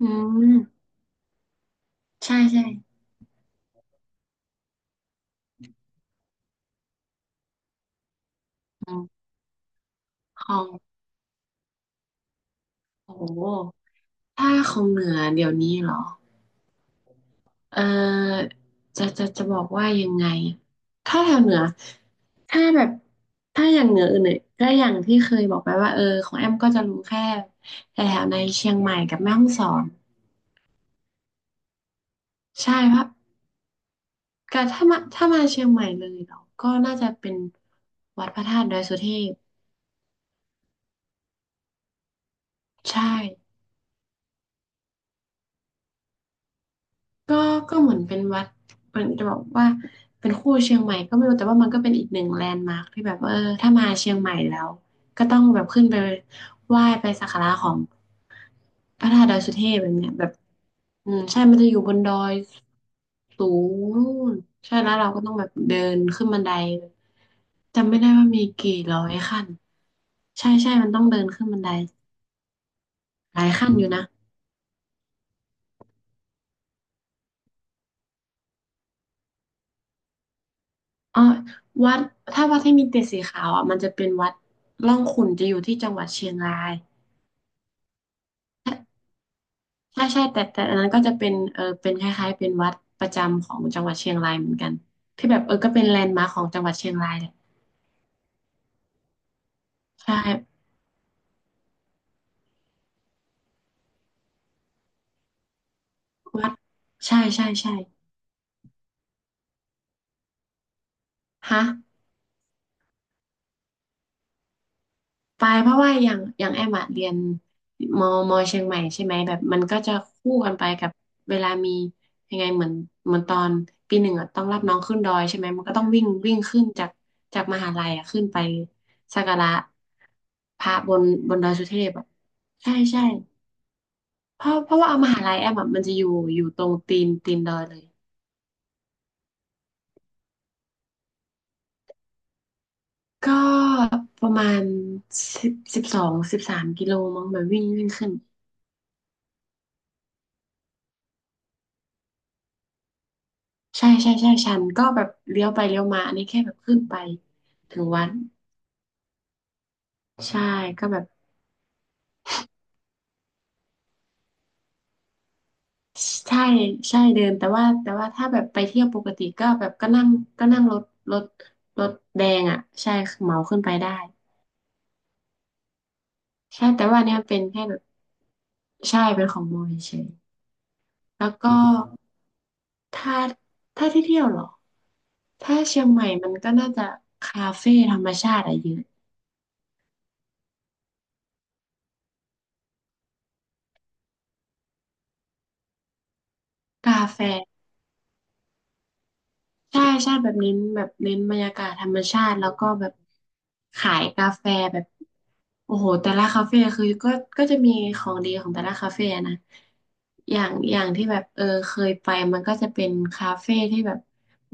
อืมใช่ใช่อืมของโอ้โหถ้าของเหนือเดี๋ยวนี้เหรอเออจะบอกว่ายังไงถ้าแถวเหนือถ้าแบบถ้าอย่างเหนืออื่นเนี่ยก็อย่างที่เคยบอกไปว่าเออของแอมก็จะรู้แค่แถวในเชียงใหม่กับแม่ฮ่องสอนใช่เพราะก็ถ้ามาเชียงใหม่เลยเหราก็น่าจะเป็นวัดพระธาตุดอยสุเทพใช่ ก็ก็เหมือนเป็นวัดเป็นจะบอกว่าเป็นคู่เชียงใหม่ก็ไม่รู้แต่ว่ามันก็เป็นอีกหนึ่งแลนด์มาร์คที่แบบว่าเออถ้ามาเชียงใหม่แล้วก็ต้องแบบขึ้นไปไหว้ไปสักการะของพระธาตุดอยสุเทพแบบเนี้ยแบบอืมใช่มันจะอยู่บนดอยสูงนู่นใช่แล้วเราก็ต้องแบบเดินขึ้นบันไดจำไม่ได้ว่ามีกี่ร้อยขั้นใช่ใช่มันต้องเดินขึ้นบันไดหลายขั้นอยู่นะ อ๋อวัดถ้าวัดที่มีเต็ดสีขาวอ่ะมันจะเป็นวัดร่องขุ่นจะอยู่ที่จังหวัดเชียงรายใช่ใช่แต่อันนั้นก็จะเป็นเออเป็นคล้ายๆเป็นวัดประจำของจังหวัดเชียงรายเหมือนกันที่แบบเออก็เป็นแลนด์มาร์คของจังหวัดเชียงรายแหละใช่วัดใช่ใช่ใช่ฮะ ไปเพราะว่าอย่างอย่างแอมอะเรียนมเชียงใหม่ใช่ไหมแบบมันก็จะคู่กันไปกับเวลามียังไงเหมือนเหมือนตอนปีหนึ่งอะต้องรับน้องขึ้นดอยใช่ไหมมันก็ต้องวิ่งวิ่งขึ้นจากจากมหาลัยอะขึ้นไปสักการะพระบนบนดอยสุเทพอะใช่ใช่เพราะว่าเอามหาลัยแอมอะมันจะอยู่อยู่ตรงตีนดอยเลยก็ประมาณ10 12 13 กิโลมั้งแบบวิ่งวิ่งขึ้น ใช่ใช่ใช่ชันก็แบบเลี้ยวไปเลี้ยวมาอันนี้แค่แบบขึ้นไปถึงวัดใช่ก็แบบใช่ใช่เดินแต่ว่าถ้าแบบไปเที่ยวปกติก็แบบก็นั่งก็นั่งรถรถรถแดงอ่ะใช่เหมาขึ้นไปได้ใช่แต่ว่าเนี่ยเป็นแค่แบบใช่เป็นของมอญเฉยแล้วก็ถ้าถ้าที่เที่ยวเหรอถ้าเชียงใหม่มันก็น่าจะคาเฟ่ธรรมชาติอะเยอะกาแฟ ใช่ใช่แบบเน้นแบบเน้นบรรยากาศธรรมชาติแล้วก็แบบขายกาแฟแบบโอ้โหแต่ละคาเฟ่คือก็ก็จะมีของดีของแต่ละคาเฟ่นะอย่างอย่างที่แบบเออเคยไปมันก็จะเป็นคาเฟ่ที่แบบ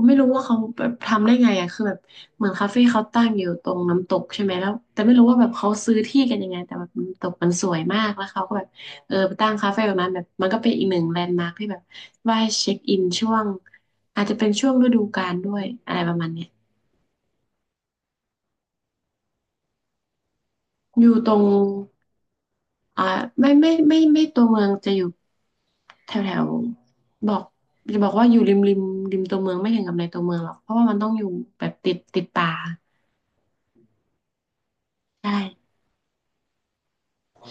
ไม่รู้ว่าเขาแบบทำได้ไงอ่ะคือแบบเหมือนคาเฟ่เขาตั้งอยู่ตรงน้ำตกใช่ไหมแล้วแต่ไม่รู้ว่าแบบเขาซื้อที่กันยังไงแต่แบบน้ำตกมันสวยมากแล้วเขาก็แบบเออไปตั้งคาเฟ่ตรงนั้นแบบมันก็เป็นอีกหนึ่งแลนด์มาร์คที่แบบ ว่าให้เช็คอินช่วงอาจจะเป็นช่วงฤดูกาลด้วยอะไรประมาณเนี้ยอยู่ตรงอ่าไม่ตัวเมืองจะอยู่แถวแถวบอกจะบอกว่าอยู่ริมริมริมตัวเมืองไม่ถึงกับในตัวเมืองหรอกเพราะว่ามันต้องอยู่แบบติดป่าใช่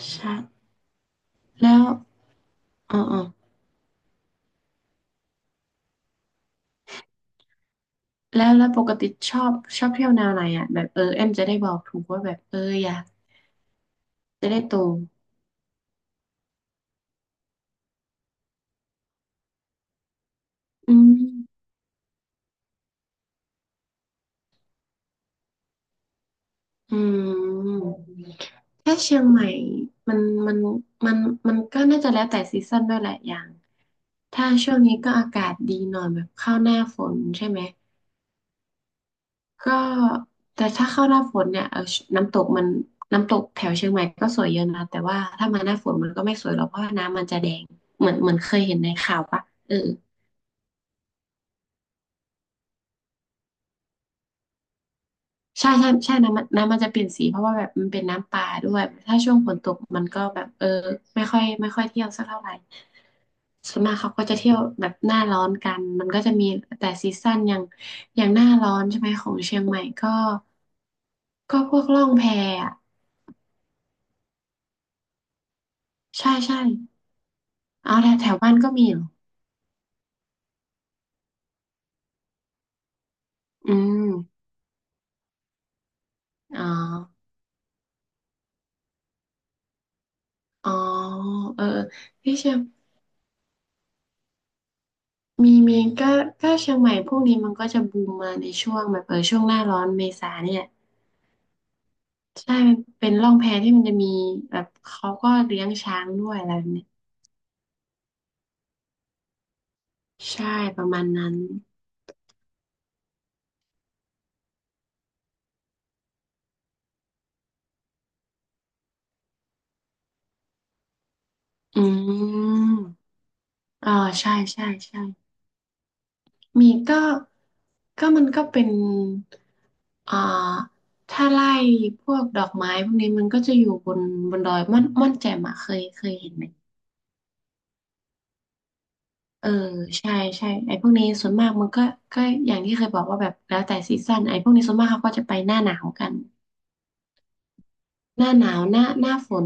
ใช่แล้วอ๋ออ๋อแล้วปกติชอบชอบเที่ยวแนวไหนอ่ะแบบเออเอ็มจะได้บอกถูกว่าแบบเอออยากจะได้ตรงอืมอืม แค่เชียงใหม่มันมันมันมันก็น่าจะแล้วแต่ซีซั่นด้วยแหละอย่างถ้าช่วงนี้ก็อากาศดีหน่อยแบบเข้าหน้าฝนใช่ไหมก็แต่ถ้าเข้าหน้าฝนเนี่ยเออน้ำตกมันน้ำตกแถวเชียงใหม่ก็สวยเยอะนะแต่ว่าถ้ามาหน้าฝนมันก็ไม่สวยหรอกเพราะว่าน้ำมันจะแดงเหมือนเหมือนเคยเห็นในข่าวปะเออใช่ใช่ใช่น้ำมันจะเปลี่ยนสีเพราะว่าแบบมันเป็นน้ำปลาด้วยถ้าช่วงฝนตกมันก็แบบเออไม่ค่อยเที่ยวสักเท่าไหร่ ส่วนมากเขาก็จะเที่ยวแบบหน้าร้อนกัน มันก็จะมีแต่ซีซั่นอย่างอย่างหน้าร้อนใช่ไหมของเชียงใหม่ก็ก็พวกล่องแพอะใช่ใช่เอาแถวแถวบ้านก็มีเหรออืมอ๋ออ๋อเออที่เชียงมีมีก็ก็เชียงใหม่พวกนี้มันก็จะบูมมาในช่วงแบบเออช่วงหน้าร้อนเมษาเนี่ยใช่มันเป็นล่องแพที่มันจะมีแบบเขาก็เลี้ยงช้างด้วยอะไรแบบเนี้ยใช่ประมาณนั้นอืม อ่าใช่ใช่ใช่ มีก็มันก็เป็นอ่าถ้าไล่พวกดอกไม้พวกนี้มันก็จะอยู่บนดอยม่อนม่อนแจ่มอะเคยเห็นไหมเออใช่ใช่ไอ้พวกนี้ส่วนมากมันก็อย่างที่เคยบอกว่าแบบแล้วแต่ซีซั่นไอ้พวกนี้ส่วนมากเขาก็จะไปหน้าหนาวกันหน้าหนาวหน้าฝน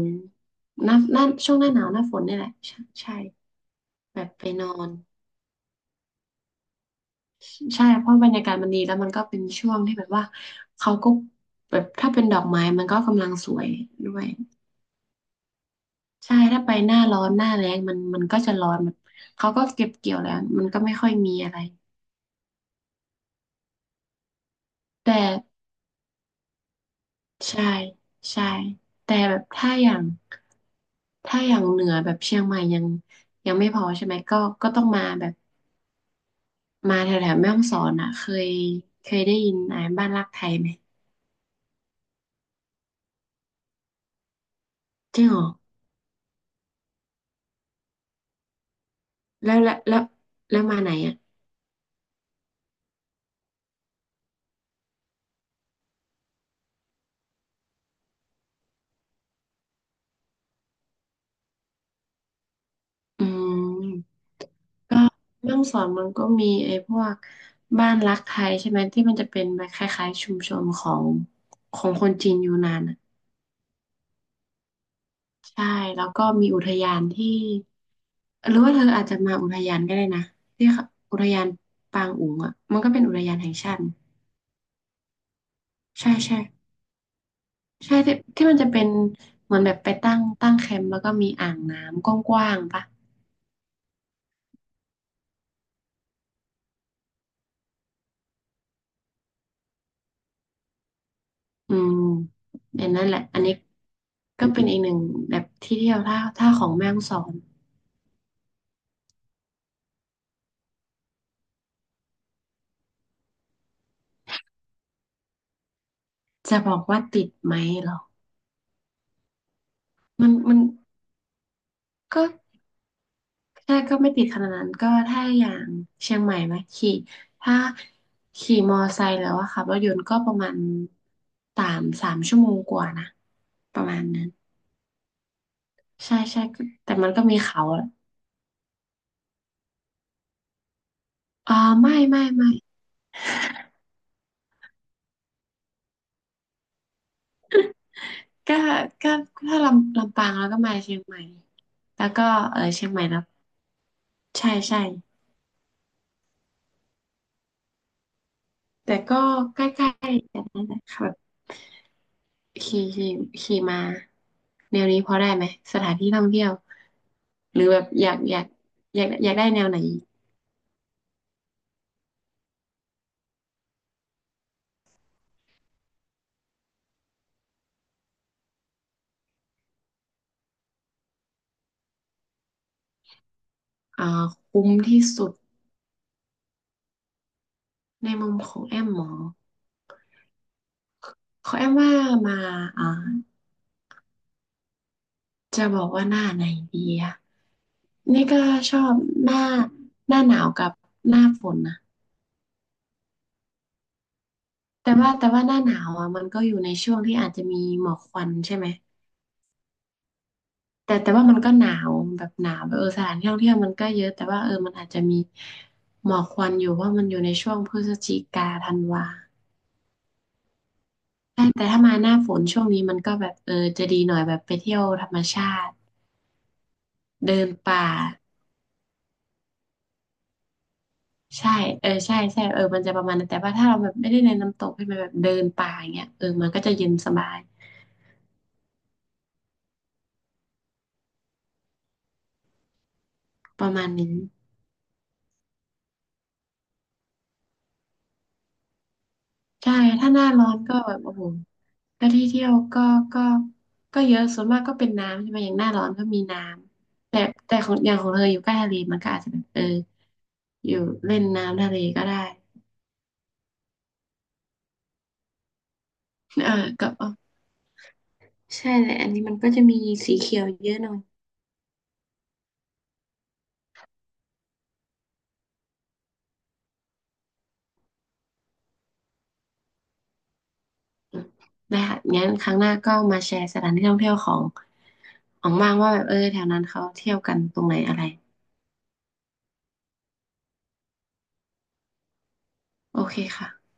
หน้าช่วงหน้าหนาวหน้าฝนนี่แหละใช่ใช่แบบไปนอน ใช่เพราะบรรยากาศมันดีแล้วมันก็เป็นช่วงที่แบบว่าเขาก็แบบถ้าเป็นดอกไม้มันก็กำลังสวยด้วยใช่ถ้าไปหน้าร้อนหน้าแล้งมันก็จะร้อนแบบเขาก็เก็บเกี่ยวแล้วมันก็ไม่ค่อยมีอะไรแต่ใช่ใช่แต่แบบถ้าอย่างเหนือแบบเชียงใหม่ยังไม่พอใช่ไหมก็ก็ต้องมาแบบมาแถวแถวแม่ฮ่องสอนอ่ะเคยเคยได้ยินอ่านบ้านรักไทยไหมจริงเหรอแล้วแล้วมาไหนอ่ะอืม ก็เรื่องสอนมันก็มีไอ้พวกบ้านรักไทยใช่ไหมที่มันจะเป็นแบบคล้ายๆชุมชนของคนจีนยูนานอ่ะใช่แล้วก็มีอุทยานที่หรือว่าเธออาจจะมาอุทยานก็ได้นะที่เขาอุทยานปางอุ๋งอ่ะมันก็เป็นอุทยานแห่งชาติใช่ใช่ใช่ที่มันจะเป็นเหมือนแบบไปตั้งแคมป์แล้วก็มีอ่างน้ำกว้างๆปะอืมเนี่ยนั่นแหละอันนี้ก็เป็นอีกหนึ่งแบบที่เที่ยวถ้าของแม่ฮ่องสอน จะบอกว่าติดไหมเหรอ มันก็แค่ก็ไม่ติดขนาดนั้นก็ถ้าอย่างเชียงใหม่ไหมขี่ถ้าขี่มอไซค์แล้วอะค่ะรถยนต์ก็ประมาณสามสามชั่วโมงกว่านะประมาณนั้นใช่ใช่ก็แต่มันก็มีเขาอะอ่าไม่ไม่ก็ก็ถ้าลำปางแล้วก็มาเชียงใหม่แล้วก็เออเชียงใหม่แล้วใช่ใช่แต่ก็ใกล้ๆกันนั่นแหละค่ะ ขี่ขี่ขี่มาแนวนี้พอได้ไหมสถานที่ท่องเที่ยวหรือแบบอยากได้แนวไหนอ่าคุ้มที่สุดในมุมของแอมหมอของแอมว่ามาอ่าจะบอกว่าหน้าไหนดีอะนี่ก็ชอบหน้าหน้าหนาวกับหน้าฝนนะแต่ว่าหน้าหนาวอ่ะมันก็อยู่ในช่วงที่อาจจะมีหมอกควันใช่ไหม แต่ว่ามันก็หนาวแบบหนาวแบบสถานที่ท่องเที่ยวมันก็เยอะแต่ว่ามันอาจจะมีหมอกควันอยู่ว่ามันอยู่ในช่วงพฤศจิกาธันวาใช่แต่ถ้ามาหน้าฝนช่วงนี้มันก็แบบจะดีหน่อยแบบไปเที่ยวธรรมชาติเดินป่าใช่เออใช่ใช่มันจะประมาณนั้นแต่ว่าถ้าเราแบบไม่ได้ในน้ำตกใช่ไหมแบบเดินป่าอย่างเงี้ยมันก็จะเย็นสบายประมาณนี้ ใช่ ถ้าหน้าร้อนก็แบบโอ้โหแล้วที่เที่ยวก็ก็เยอะส่วนมากก็เป็นน้ำใช่ไหมอย่างหน้าร้อนก็มีน้ำแต่ของอย่างของเธออยู่ใกล้ทะเลมันก็อาจจะแบบอยู่เล่นน้ำทะเลก็ได้ เออกับออใช่แหละอันนี้มันก็จะมีสีเขียวเยอะหน่อยได้ค่ะงั้นครั้งหน้าก็มาแชร์สถานที่ท่องเที่ยวของของบ้างว่าแบบแถวนั้นเขาเที่ยวกันตรงไหนอะไรโอเคค่ะ